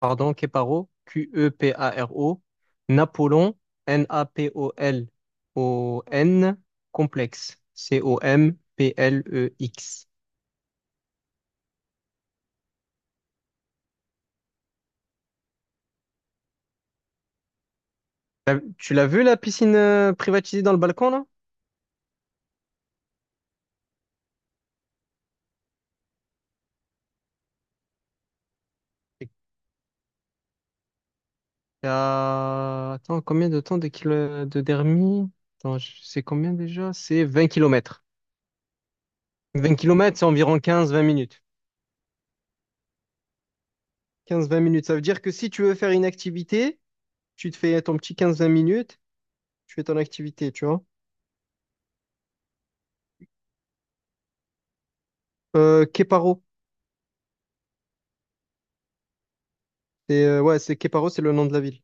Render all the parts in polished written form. Pardon, Queparo, Q-E-P-A-R-O, Napoléon, N-A-P-O-L-O-N, complexe, C-O-M-P-L-E-X. Tu l'as vu la piscine privatisée dans le balcon là? Attends, combien de temps de, de Dermi? Attends, c'est combien déjà? C'est 20 km. 20 km, c'est environ 15-20 minutes. 15-20 minutes, ça veut dire que si tu veux faire une activité, tu te fais ton petit 15-20 minutes, tu fais ton activité, tu vois. Queparo. C'est ouais, c'est Queparo, c'est le nom de la ville.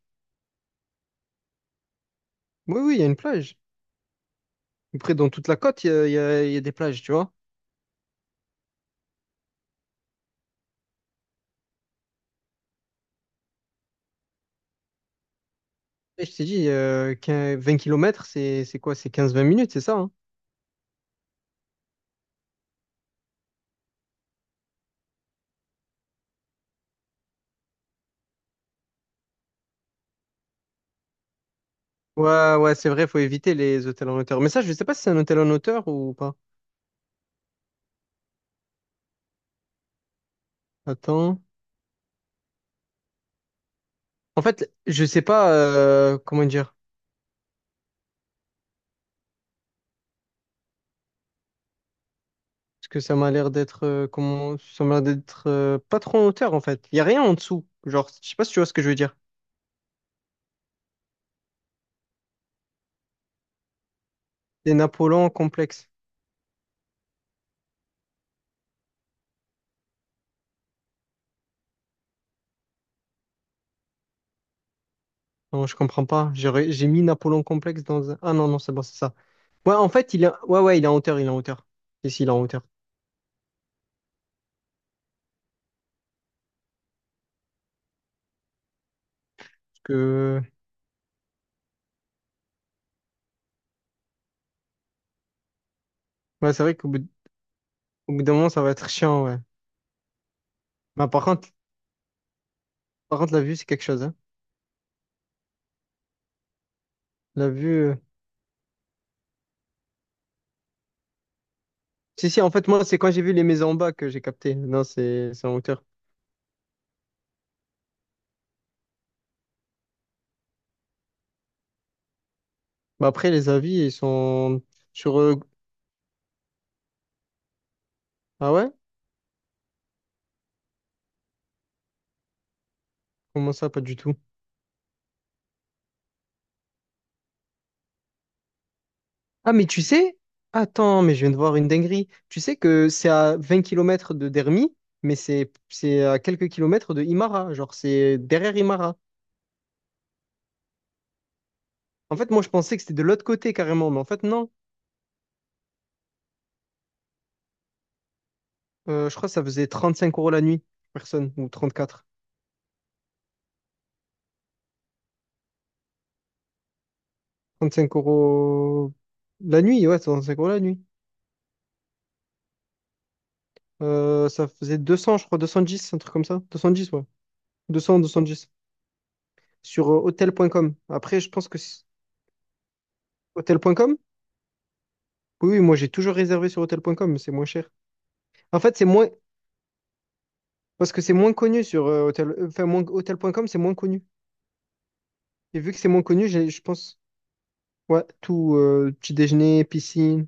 Oui, oui, il y a une plage. Après, dans toute la côte, il y a des plages, tu vois. Et je t'ai dit, 15 20 km, c'est quoi? C'est 15-20 minutes, c'est ça, hein. Ouais, ouais, c'est vrai, faut éviter les hôtels en hauteur. Mais ça, je sais pas si c'est un hôtel en hauteur ou pas. Attends. En fait, je sais pas comment dire. Parce que ça m'a l'air d'être comment ça m'a l'air d'être pas trop en hauteur en fait. Il y a rien en dessous. Genre, je sais pas si tu vois ce que je veux dire. Des Napoléons complexes. Non, je comprends pas. J'ai mis Napoléon complexe dans un. Ah non, non, c'est bon, c'est ça. Ouais, en fait, ouais, ouais, il est en hauteur, il est en hauteur. Ici il est en hauteur. Parce que. Ouais, c'est vrai qu'au bout d'un moment, ça va être chiant, ouais. Bah, par contre, la vue, c'est quelque chose, hein. La vue. Si, si, en fait, moi, c'est quand j'ai vu les maisons en bas que j'ai capté. Non, c'est en hauteur. Bah, après, les avis, ils sont sur. Ah ouais? Comment ça, pas du tout? Ah, mais tu sais. Attends, mais je viens de voir une dinguerie. Tu sais que c'est à 20 km de Dermi, mais c'est à quelques kilomètres de Imara. Genre, c'est derrière Imara. En fait, moi, je pensais que c'était de l'autre côté carrément, mais en fait, non. Je crois que ça faisait 35 € la nuit, personne, ou 34, 35 € la nuit, ouais, 35 € la nuit. Ça faisait 200, je crois, 210, un truc comme ça. 210, ouais. 200, 210. Sur hotel.com. Après, je pense que. Hotel.com? Oui, oui, moi, j'ai toujours réservé sur hotel.com, mais c'est moins cher. En fait, c'est moins. Parce que c'est moins connu sur Enfin, hotel.com, c'est moins connu. Et vu que c'est moins connu, je pense. Ouais, tout, petit déjeuner, piscine.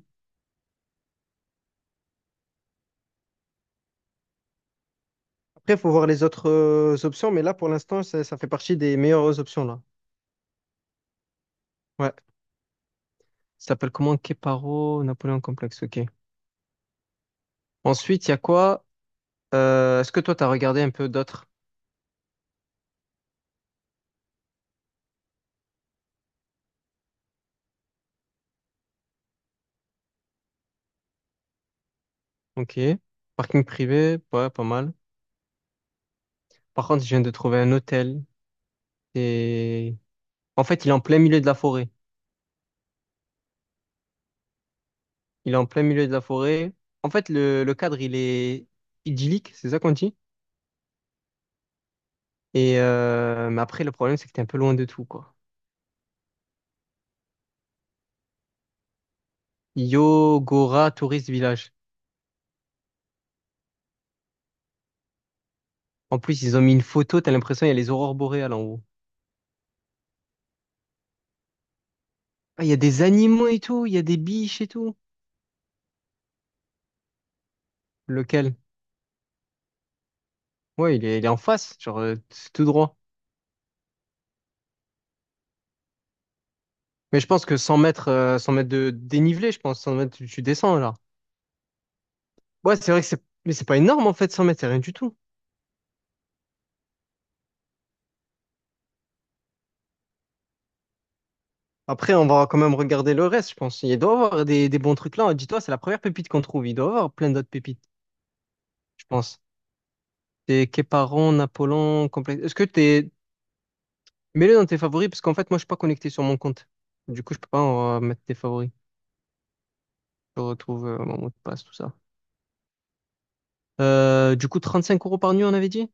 Après, il faut voir les autres options, mais là, pour l'instant, ça fait partie des meilleures options, là. Ouais. Ça s'appelle comment? Keparo, Napoléon Complexe, ok. Ensuite, il y a quoi? Est-ce que toi, tu as regardé un peu d'autres? Ok. Parking privé, ouais, pas mal. Par contre, je viens de trouver un hôtel. Et. En fait, il est en plein milieu de la forêt. Il est en plein milieu de la forêt. En fait, le cadre, il est idyllique, c'est ça qu'on dit? Et mais après, le problème, c'est que t'es un peu loin de tout, quoi. Yogora Tourist Village. En plus, ils ont mis une photo, t'as l'impression il y a les aurores boréales en haut. Ah, il y a des animaux et tout, il y a des biches et tout. Lequel? Ouais, il est en face, genre c'est tout droit. Mais je pense que 100 mètres, 100 mètres de dénivelé, je pense, 100 mètres, tu descends là. Ouais, c'est vrai que c'est, mais c'est pas énorme en fait, 100 mètres, c'est rien du tout. Après, on va quand même regarder le reste, je pense. Il doit y avoir des bons trucs là. Dis-toi, c'est la première pépite qu'on trouve. Il doit y avoir plein d'autres pépites, je pense. Des Képaron, Napoléon, complexe. Mets-le dans tes favoris, parce qu'en fait, moi, je suis pas connecté sur mon compte. Du coup, je peux pas en mettre tes favoris. Je retrouve mon mot de passe, tout ça. Du coup, 35 € par nuit, on avait dit?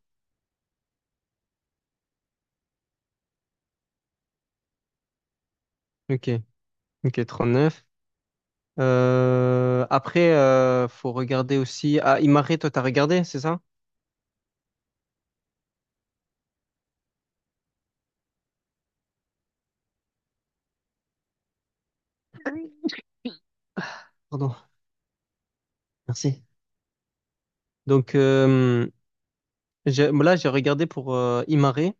Ok, ok, 39. Après, faut regarder aussi. Ah, Imare, toi, t'as regardé, c'est ça? Pardon, merci. Donc, là, j'ai regardé pour Imare.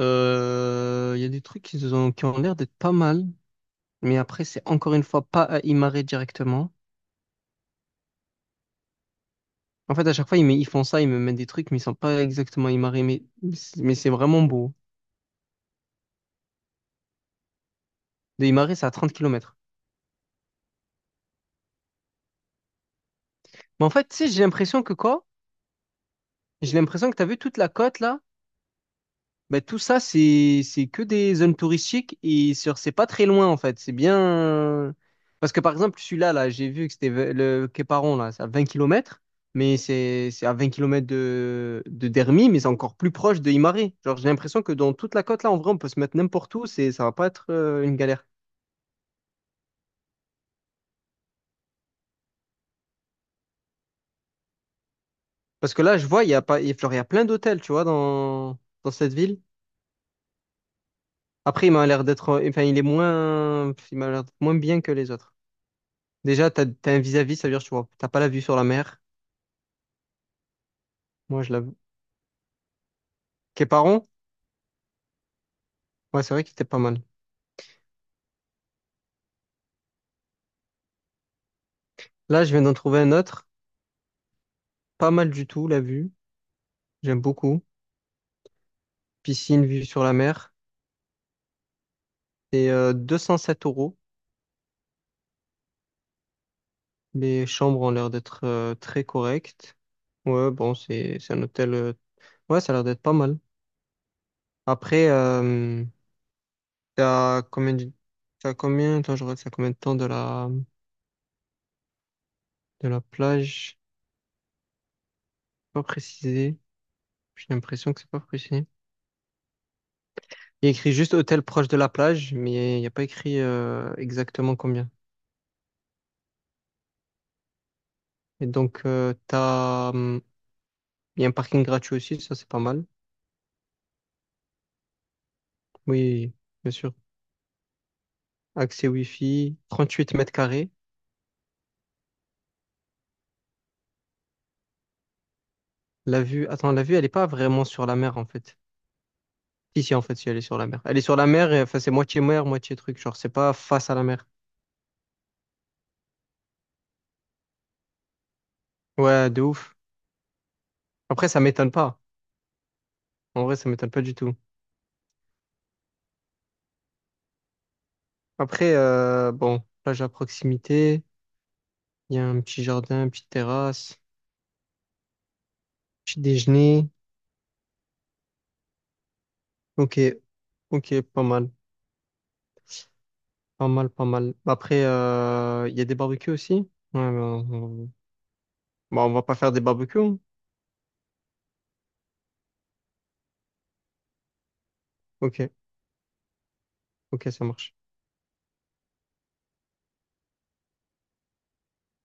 Il y a des trucs qui ont l'air d'être pas mal, mais après, c'est encore une fois pas à Imare directement. En fait, à chaque fois, ils font ça, ils me mettent des trucs, mais ils sont pas exactement Imare, mais c'est vraiment beau. De Imare, c'est à 30 km. Mais en fait, tu sais, j'ai l'impression que quoi? J'ai l'impression que t'as vu toute la côte là. Ben, tout ça, c'est que des zones touristiques et sur c'est pas très loin en fait. C'est bien. Parce que par exemple, celui-là, là, j'ai vu que le Quéparon, là, c'est à 20 km, mais c'est à 20 km de Dermy, mais c'est encore plus proche de Imare. Genre, j'ai l'impression que dans toute la côte là, en vrai, on peut se mettre n'importe où, c'est ça va pas être une galère. Parce que là, je vois, il y a pas, il y a genre, il y a plein d'hôtels, tu vois, dans cette ville. Après, il m'a l'air d'être. Enfin, il est moins. Il m'a l'air d'être moins bien que les autres. Déjà, t'as un vis-à-vis, ça veut dire tu vois, t'as pas la vue sur la mer. Moi, je l'avoue. Képaron? Ouais, c'est vrai qu'il était pas mal. Là, je viens d'en trouver un autre. Pas mal du tout, la vue. J'aime beaucoup. Piscine, vue sur la mer. C'est 207 euros. Les chambres ont l'air d'être très correctes. Ouais, bon, c'est un hôtel. Ouais, ça a l'air d'être pas mal. Après, t'as combien de... t'as combien... Attends, je regarde, c'est à combien de temps de la plage? Pas précisé. J'ai l'impression que c'est pas précisé. Il y a écrit juste hôtel proche de la plage, mais il n'y a pas écrit exactement combien. Et donc, il y a un parking gratuit aussi, ça c'est pas mal. Oui, bien sûr. Accès Wi-Fi, 38 mètres carrés. La vue, attends, la vue, elle est pas vraiment sur la mer en fait. Si, si, en fait, si, elle est sur la mer. Elle est sur la mer, et, enfin, c'est moitié mer, moitié truc. Genre, c'est pas face à la mer. Ouais, de ouf. Après, ça m'étonne pas. En vrai, ça m'étonne pas du tout. Après, bon, plage à proximité. Il y a un petit jardin, une petite terrasse, petit déjeuner. Ok, ok, pas mal, pas mal, pas mal. Après, il y a des barbecues aussi. Ouais, ben, on. Bon, on va pas faire des barbecues, hein. Ok, ok, ça marche.